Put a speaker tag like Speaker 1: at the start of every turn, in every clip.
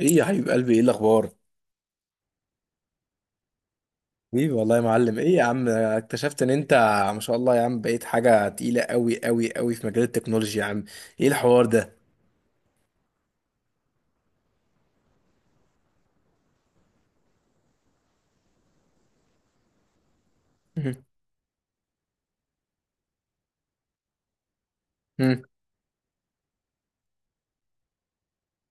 Speaker 1: ايه يا حبيب قلبي؟ ايه الاخبار؟ حبيبي والله يا معلم، ايه يا عم؟ اكتشفت ان انت ما شاء الله يا عم بقيت حاجه تقيله قوي قوي قوي في مجال التكنولوجيا يا عم. ايه الحوار ده؟ مهم. مم.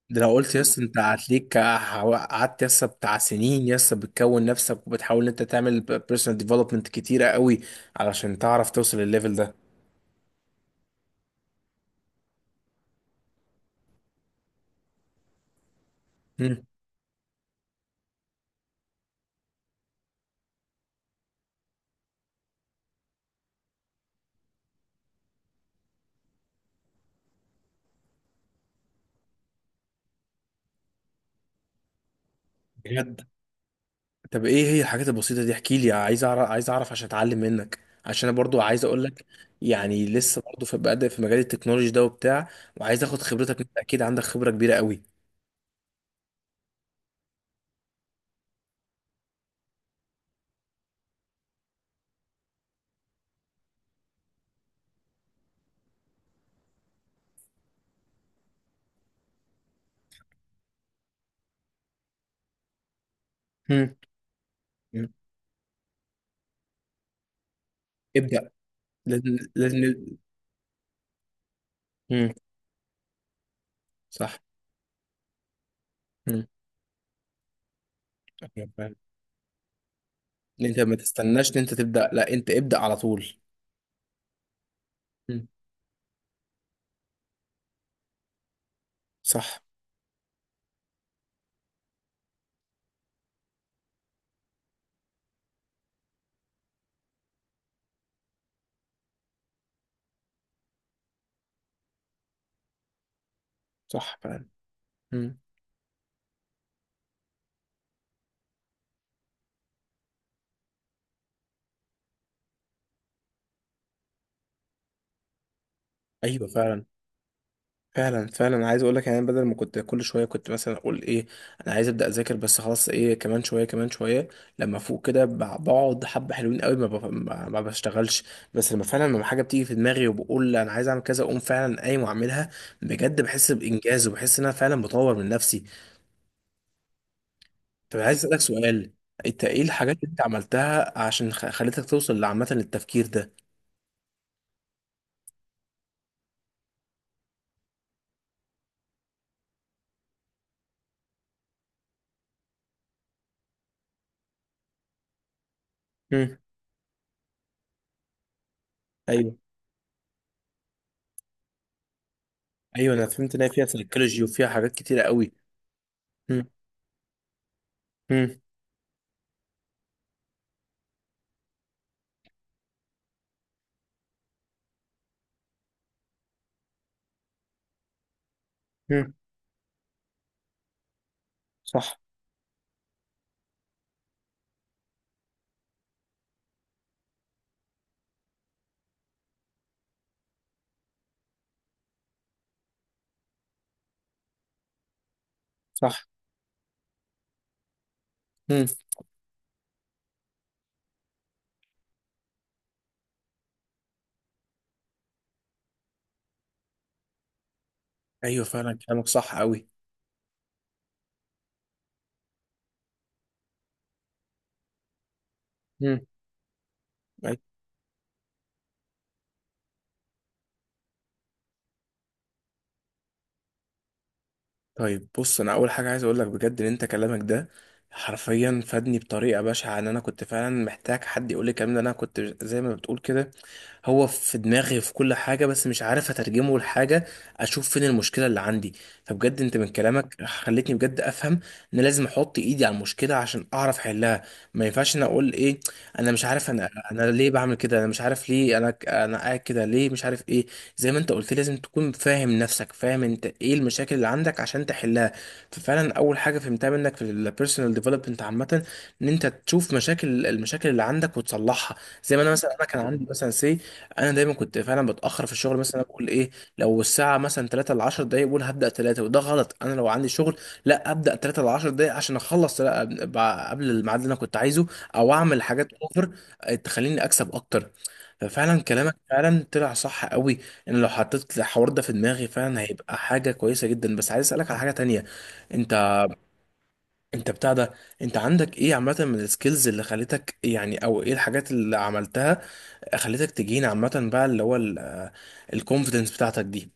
Speaker 1: ده لو قلت يس انت هتليك، قعدت يس بتاع سنين يس بتكون نفسك وبتحاول ان انت تعمل بيرسونال ديفلوبمنت كتيره قوي علشان تعرف توصل للليفل ده. مم. بجد؟ طب ايه هي الحاجات البسيطة دي؟ احكي لي، عايز اعرف، عايز اعرف عشان اتعلم منك، عشان انا برضو عايز اقول لك، يعني لسه برضو في بادئ في مجال التكنولوجي ده وبتاع، وعايز اخد خبرتك. انت اكيد عندك خبرة كبيرة قوي. مم. مم. ابدأ. لازم، لازم. مم. صح. مم. أيوة فعلا. إن انت ما تستناش ان انت تبدأ، لا انت ابدأ على طول. مم. صح. صح فعلا. مم. ايوه فعلا، فعلا فعلا. أنا عايز اقول لك، يعني بدل ما كنت كل شويه كنت مثلا اقول ايه، انا عايز ابدا اذاكر، بس خلاص ايه، كمان شويه، كمان شويه. لما فوق كده بقعد حبه حلوين قوي ما, بف- ما ما بشتغلش. بس لما حاجه بتيجي في دماغي وبقول انا عايز اعمل كذا، اقوم فعلا قايم واعملها. بجد بحس بانجاز، وبحس ان انا فعلا بطور من نفسي. طب عايز اسالك سؤال: انت ايه الحاجات اللي انت عملتها عشان خلتك توصل لعامه للتفكير ده؟ امم. ايوه، ايوه انا فهمت ان هي فيها سيكولوجي وفيها حاجات كتيره قوي. امم. امم. صح. صح. امم. ايوه فعلا، كلامك صح قوي. امم. أي- طيب بص، انا اول حاجه عايز اقول لك بجد ان انت كلامك ده حرفيا فادني بطريقه بشعه. ان انا كنت فعلا محتاج حد يقول لي الكلام ده. انا كنت زي ما بتقول كده، هو في دماغي في كل حاجة، بس مش عارف أترجمه لحاجة، أشوف فين المشكلة اللي عندي. فبجد أنت من كلامك خلتني بجد أفهم إن لازم أحط إيدي على المشكلة عشان أعرف أحلها. ما ينفعش أنا أقول إيه، أنا مش عارف أنا أنا ليه بعمل كده، أنا مش عارف ليه أنا قاعد كده ليه، مش عارف إيه. زي ما أنت قلت لي، لازم تكون فاهم نفسك، فاهم أنت إيه المشاكل اللي عندك عشان تحلها. ففعلا أول حاجة فهمتها منك في البيرسونال ديفلوبمنت عامة، ان انت تشوف المشاكل اللي عندك وتصلحها. زي ما انا مثلا، انا كان عندي مثلا سي. انا دايما كنت فعلا بتاخر في الشغل، مثلا بقول ايه، لو الساعه مثلا 3 ل 10 دقايق بقول هبدا 3، وده غلط. انا لو عندي شغل، لا، ابدا 3 ل 10 دقايق عشان اخلص، لا قبل الميعاد اللي انا كنت عايزه، او اعمل حاجات اوفر، تخليني اكسب اكتر. ففعلا كلامك فعلا طلع صح قوي. ان لو حطيت الحوار ده في دماغي فعلا هيبقى حاجه كويسه جدا. بس عايز اسالك على حاجه تانية: انت انت بتاع ده، انت عندك ايه عامه من السكيلز اللي خلتك يعني، او ايه الحاجات اللي عملتها خلتك تجين عامة بقى اللي هو الكونفيدنس بتاعتك دي؟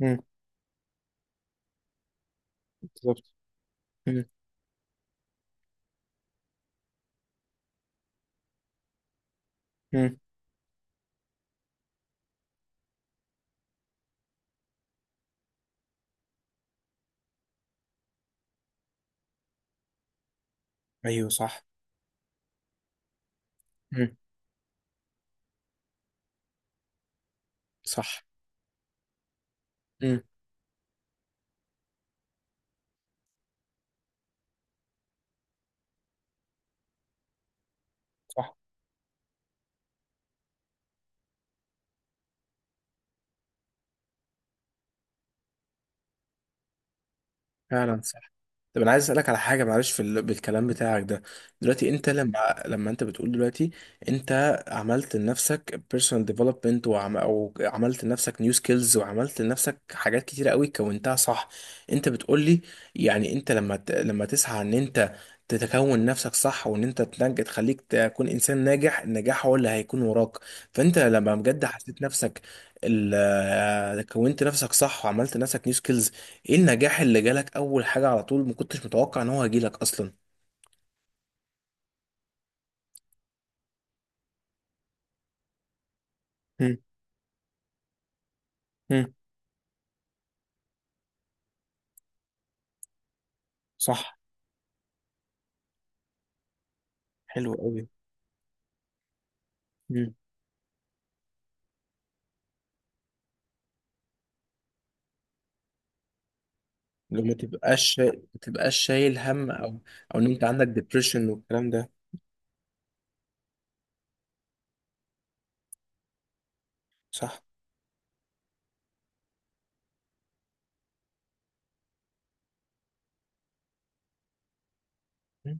Speaker 1: مم. بالظبط. مم. مم. ايوه، صح. مم. صح. مم. صح فعلا، صح. طب انا عايز اسالك على حاجه، معلش، بالكلام بتاعك ده دلوقتي، انت لما انت بتقول دلوقتي انت عملت لنفسك personal development، او عملت لنفسك new skills وعملت لنفسك حاجات كتيره قوي كونتها صح، انت بتقول لي يعني انت لما تسعى ان انت تتكون نفسك صح، وان انت تخليك تكون انسان ناجح، النجاح هو اللي هيكون وراك. فانت لما بجد حسيت نفسك كونت نفسك صح وعملت لنفسك new skills، ايه النجاح اللي جالك اول حاجة على طول ما كنتش متوقع ان هو هيجيلك اصلا؟ مم. مم. صح. حلو قوي. مم. لو ما تبقاش شايل هم، او او ان انت عندك ديبريشن والكلام ده. صح. مم.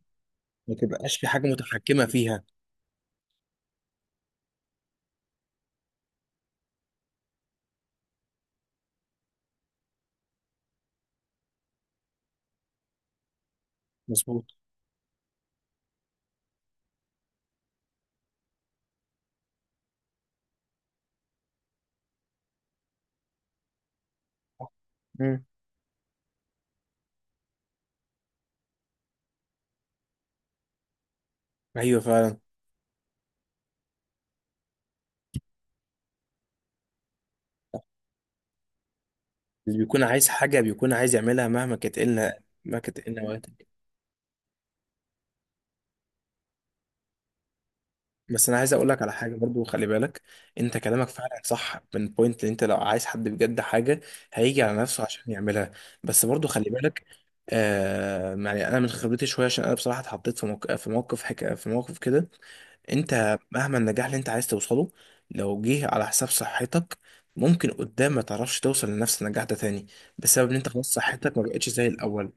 Speaker 1: ما تبقاش في حاجة متحكمة فيها. مظبوط. صح. مم. ايوه فعلا. اللي بيكون عايز حاجة بيكون عايز يعملها مهما كانت إيه النواتج. بس انا عايز اقول لك على حاجه برضو، خلي بالك. انت كلامك فعلا صح من بوينت ان انت لو عايز حد بجد حاجه هيجي على نفسه عشان يعملها. بس برضو خلي بالك. يعني انا من خبرتي شويه، عشان انا بصراحه اتحطيت في موقف كده. انت مهما النجاح اللي انت عايز توصله، لو جه على حساب صحتك، ممكن قدام ما تعرفش توصل لنفس النجاح ده تاني، بسبب ان انت خلاص صحتك ما بقتش زي الاول.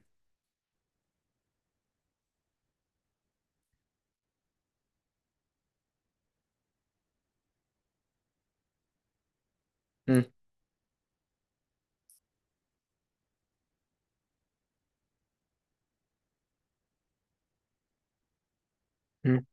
Speaker 1: امم. امم.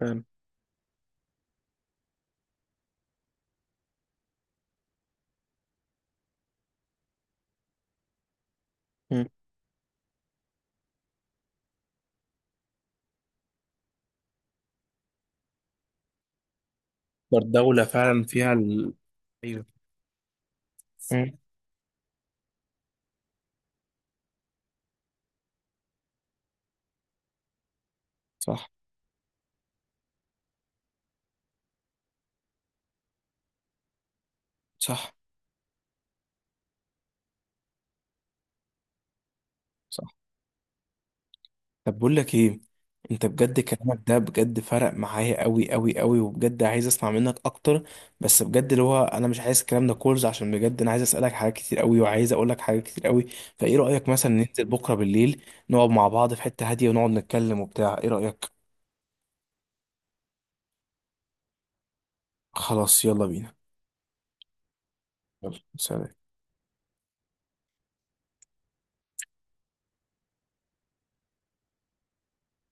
Speaker 1: فعلا. امم. الدوله فعلا فيها ايوه. امم. صح. صح. صح. طب بقول لك ايه، انت بجد كلامك ده بجد فرق معايا قوي قوي قوي، وبجد عايز اسمع منك اكتر، بس بجد اللي هو انا مش عايز الكلام ده كولز، عشان بجد انا عايز اسالك حاجات كتير قوي وعايز اقول لك حاجات كتير قوي. فايه رايك مثلا ننزل بكره بالليل، نقعد مع بعض في حته هاديه ونقعد نتكلم وبتاع، ايه رايك؟ خلاص يلا بينا. يلا سلام.